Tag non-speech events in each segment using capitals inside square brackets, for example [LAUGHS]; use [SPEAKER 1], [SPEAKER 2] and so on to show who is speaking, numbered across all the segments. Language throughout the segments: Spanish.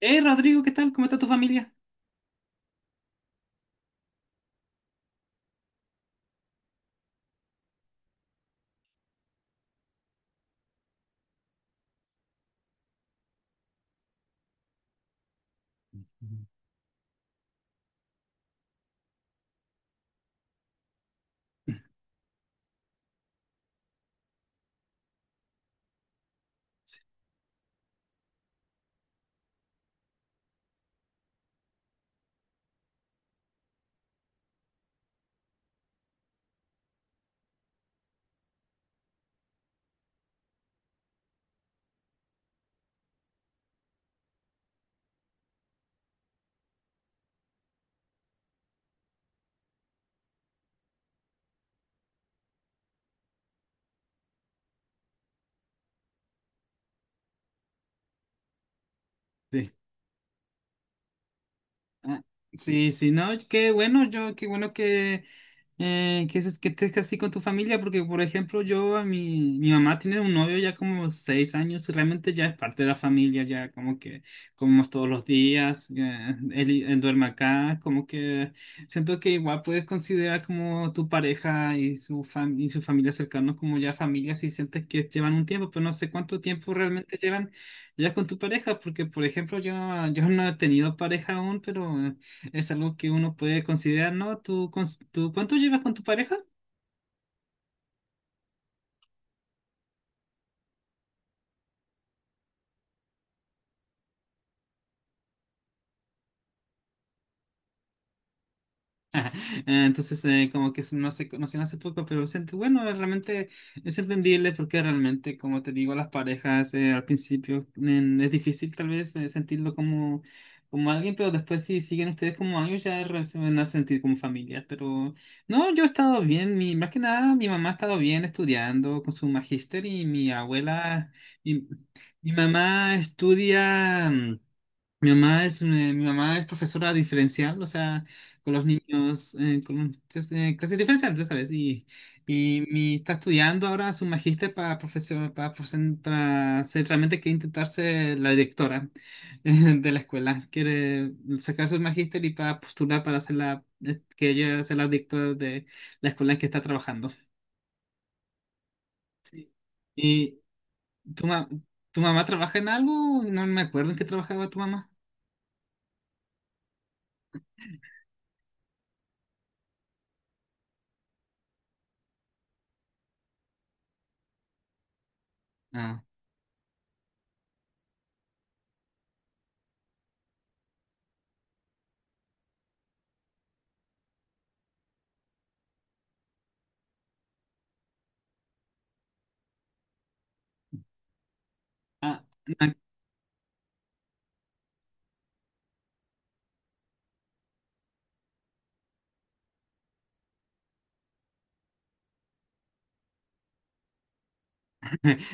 [SPEAKER 1] Rodrigo, ¿qué tal? ¿Cómo está tu familia? Sí. Ah, sí, sí, no, qué bueno que estés así con tu familia, porque por ejemplo, mi mamá tiene un novio ya como 6 años y realmente ya es parte de la familia, ya como que comemos todos los días, él duerme acá, como que siento que igual puedes considerar como tu pareja y y su familia cercanos como ya familia si sientes que llevan un tiempo, pero no sé cuánto tiempo realmente llevan ya con tu pareja, porque por ejemplo, yo no he tenido pareja aún, pero es algo que uno puede considerar, ¿no? Cuánto llevas con tu pareja? Entonces, como que no se conocen hace poco, pero siento, bueno, es entendible porque realmente, como te digo, las parejas, al principio, es difícil tal vez sentirlo como, alguien, pero después si siguen ustedes como algo se van a sentir como familia. Pero no, yo he estado bien, más que nada mi mamá ha estado bien estudiando con su magíster y mi abuela. mi, mi mamá estudia... Mi mamá es profesora diferencial, o sea, con los niños, clase diferencial, ya sabes, está estudiando ahora su magíster para profesor, para ser realmente que intentarse la directora [LAUGHS] de la escuela. Quiere sacar su magíster y para postular para ser que ella sea la directora de la escuela en que está trabajando. Sí. ¿Y tu, ma- tu mamá trabaja en algo? No me acuerdo en qué trabajaba tu mamá. Ah, ah,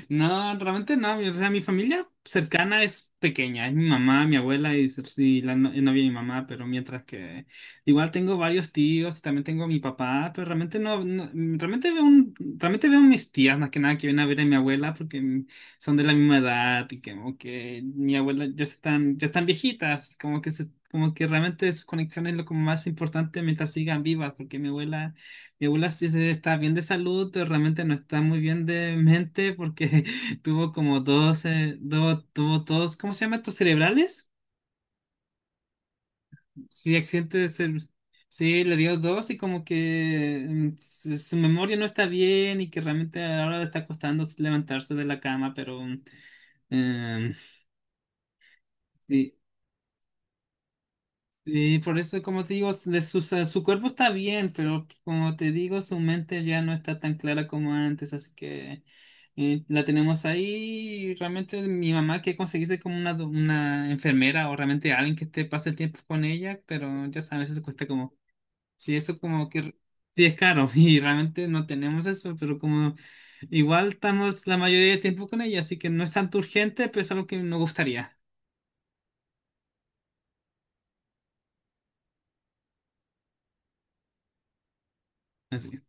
[SPEAKER 1] no, realmente no. O sea, mi familia cercana es pequeña. Es mi mamá, mi abuela y la no- novia de mi mamá. Pero mientras que igual tengo varios tíos y también tengo a mi papá. Pero realmente realmente realmente veo a mis tías más que nada que vienen a ver a mi abuela porque son de la misma edad y que como que mi abuela ya están viejitas. Como que realmente sus conexiones es lo como más importante mientras sigan vivas porque mi abuela sí se está bien de salud, pero realmente no está muy bien de mente porque [LAUGHS] tuvo como dos, do- tuvo dos, ¿cómo se llama? ¿Estos cerebrales? Sí, sí, le dio dos y como que su memoria no está bien y que realmente ahora le está costando levantarse de la cama, pero em, sí. Y por eso, como te digo, de su cuerpo está bien, pero como te digo, su mente ya no está tan clara como antes, así que la tenemos ahí. Y realmente mi mamá quiere conseguirse como una enfermera o realmente alguien que te pase el tiempo con ella, pero ya sabes, eso cuesta como, sí, eso como que, sí es caro [LAUGHS] y realmente no tenemos eso, pero como igual estamos la mayoría del tiempo con ella, así que no es tan urgente, pero es algo que nos gustaría. Así.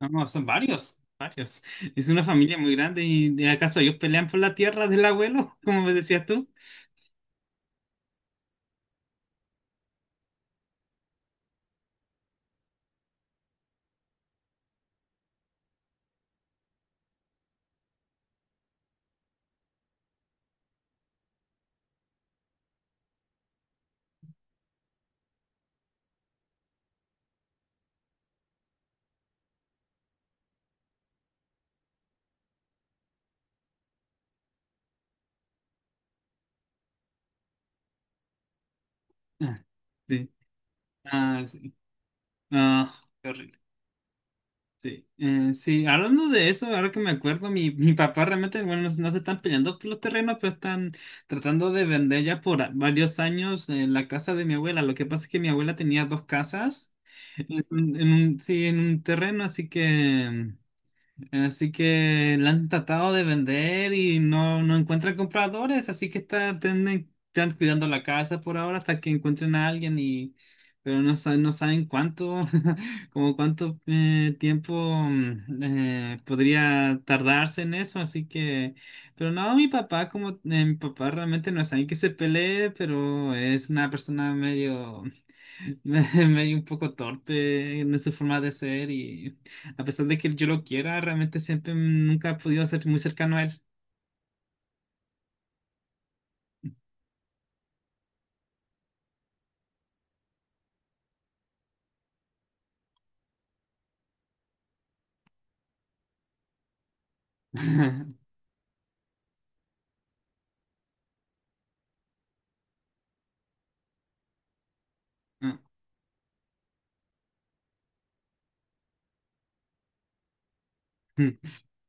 [SPEAKER 1] No, no, son varios, varios. Es una familia muy grande. ¿Y de acaso ellos pelean por la tierra del abuelo, [LAUGHS] como me decías tú? Ah, sí. Ah, sí. Ah, qué horrible. Sí. Sí, hablando de eso, ahora que me acuerdo, mi papá realmente, bueno, no, no se están peleando por los terrenos, pero están tratando de vender ya varios años, la casa de mi abuela. Lo que pasa es que mi abuela tenía dos casas sí, en un terreno, así que... Así que la han tratado de vender y no encuentran compradores, así que están cuidando la casa por ahora hasta que encuentren a alguien y pero no saben cuánto, [LAUGHS] como cuánto tiempo, podría tardarse en eso, así que, pero no, mi papá, realmente no es alguien que se pelee, pero es una persona medio, [LAUGHS] medio un poco torpe en su forma de ser y a pesar de que yo lo quiera, realmente siempre nunca he podido ser muy cercano a él. [LAUGHS]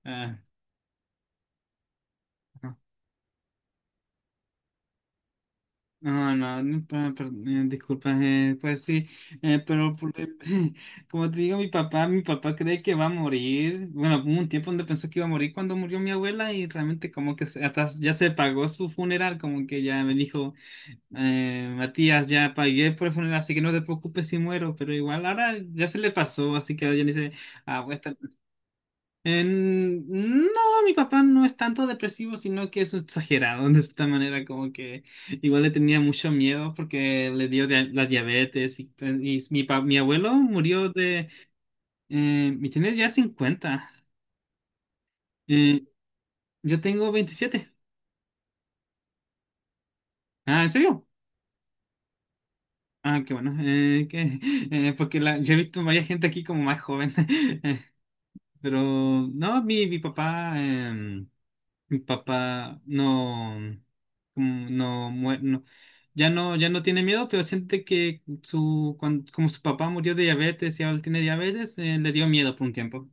[SPEAKER 1] Ah, no, no, no, no, disculpa, pues sí, pero [LAUGHS] como te digo, mi papá cree que va a morir. Bueno, hubo un tiempo donde pensó que iba a morir cuando murió mi abuela y realmente como que hasta ya se pagó su funeral, como que ya me dijo, Matías, ya pagué por el funeral, así que no te preocupes si muero, pero igual ahora ya se le pasó, así que ya dice, ah, voy a estar. No, mi papá no es tanto depresivo, sino que es un exagerado de esta manera, como que igual le tenía mucho miedo porque le dio la diabetes y mi abuelo murió de... Y tenía ya 50. Eh, yo tengo 27. Ah, ¿en serio? Ah, qué bueno. Porque yo he visto varias gente aquí como más joven. [LAUGHS] Eh, pero no, mi papá... Mi papá no, como no, mue- no, ya no, ya no tiene miedo, pero siente que como su papá murió de diabetes y ahora él tiene diabetes, le dio miedo por un tiempo.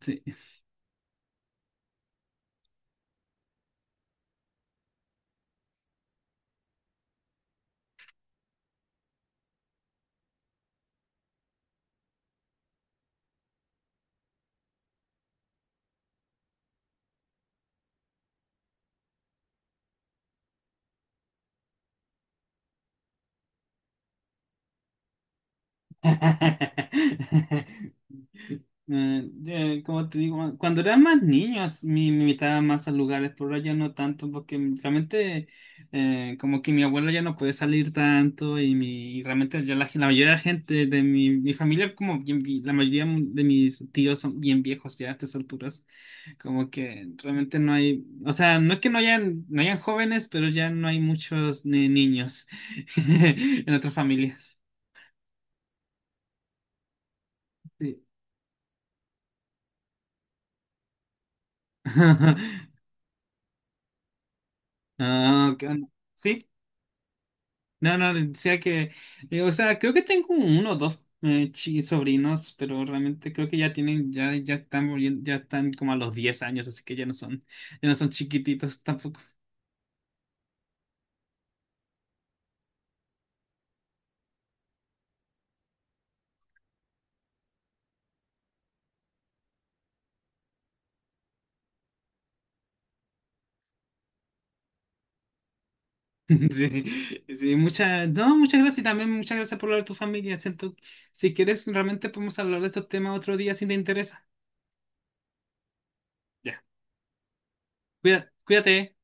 [SPEAKER 1] Sí. [LAUGHS] Como te digo, cuando era más niño, me invitaba más a lugares, pero ahora ya no tanto, porque realmente como que mi abuela ya no puede salir tanto y realmente ya la mayoría de la gente de mi familia, como la mayoría de mis tíos son bien viejos ya a estas alturas, como que realmente no hay, o sea, no es que no hayan jóvenes, pero ya no hay muchos niños [LAUGHS] en otra familia. Sí. [LAUGHS] Ah, ok, bueno. ¿Sí? No, no, decía que, o sea, creo que tengo uno o dos sobrinos, pero realmente creo que ya tienen, ya, ya están, volviendo- ya están como a los 10 años, así que ya no son chiquititos tampoco. [LAUGHS] Sí, sí, muchas, no, muchas gracias y también muchas gracias por hablar de tu familia. Siento, si quieres, realmente podemos hablar de estos temas otro día si te interesa. Ya, cuídate.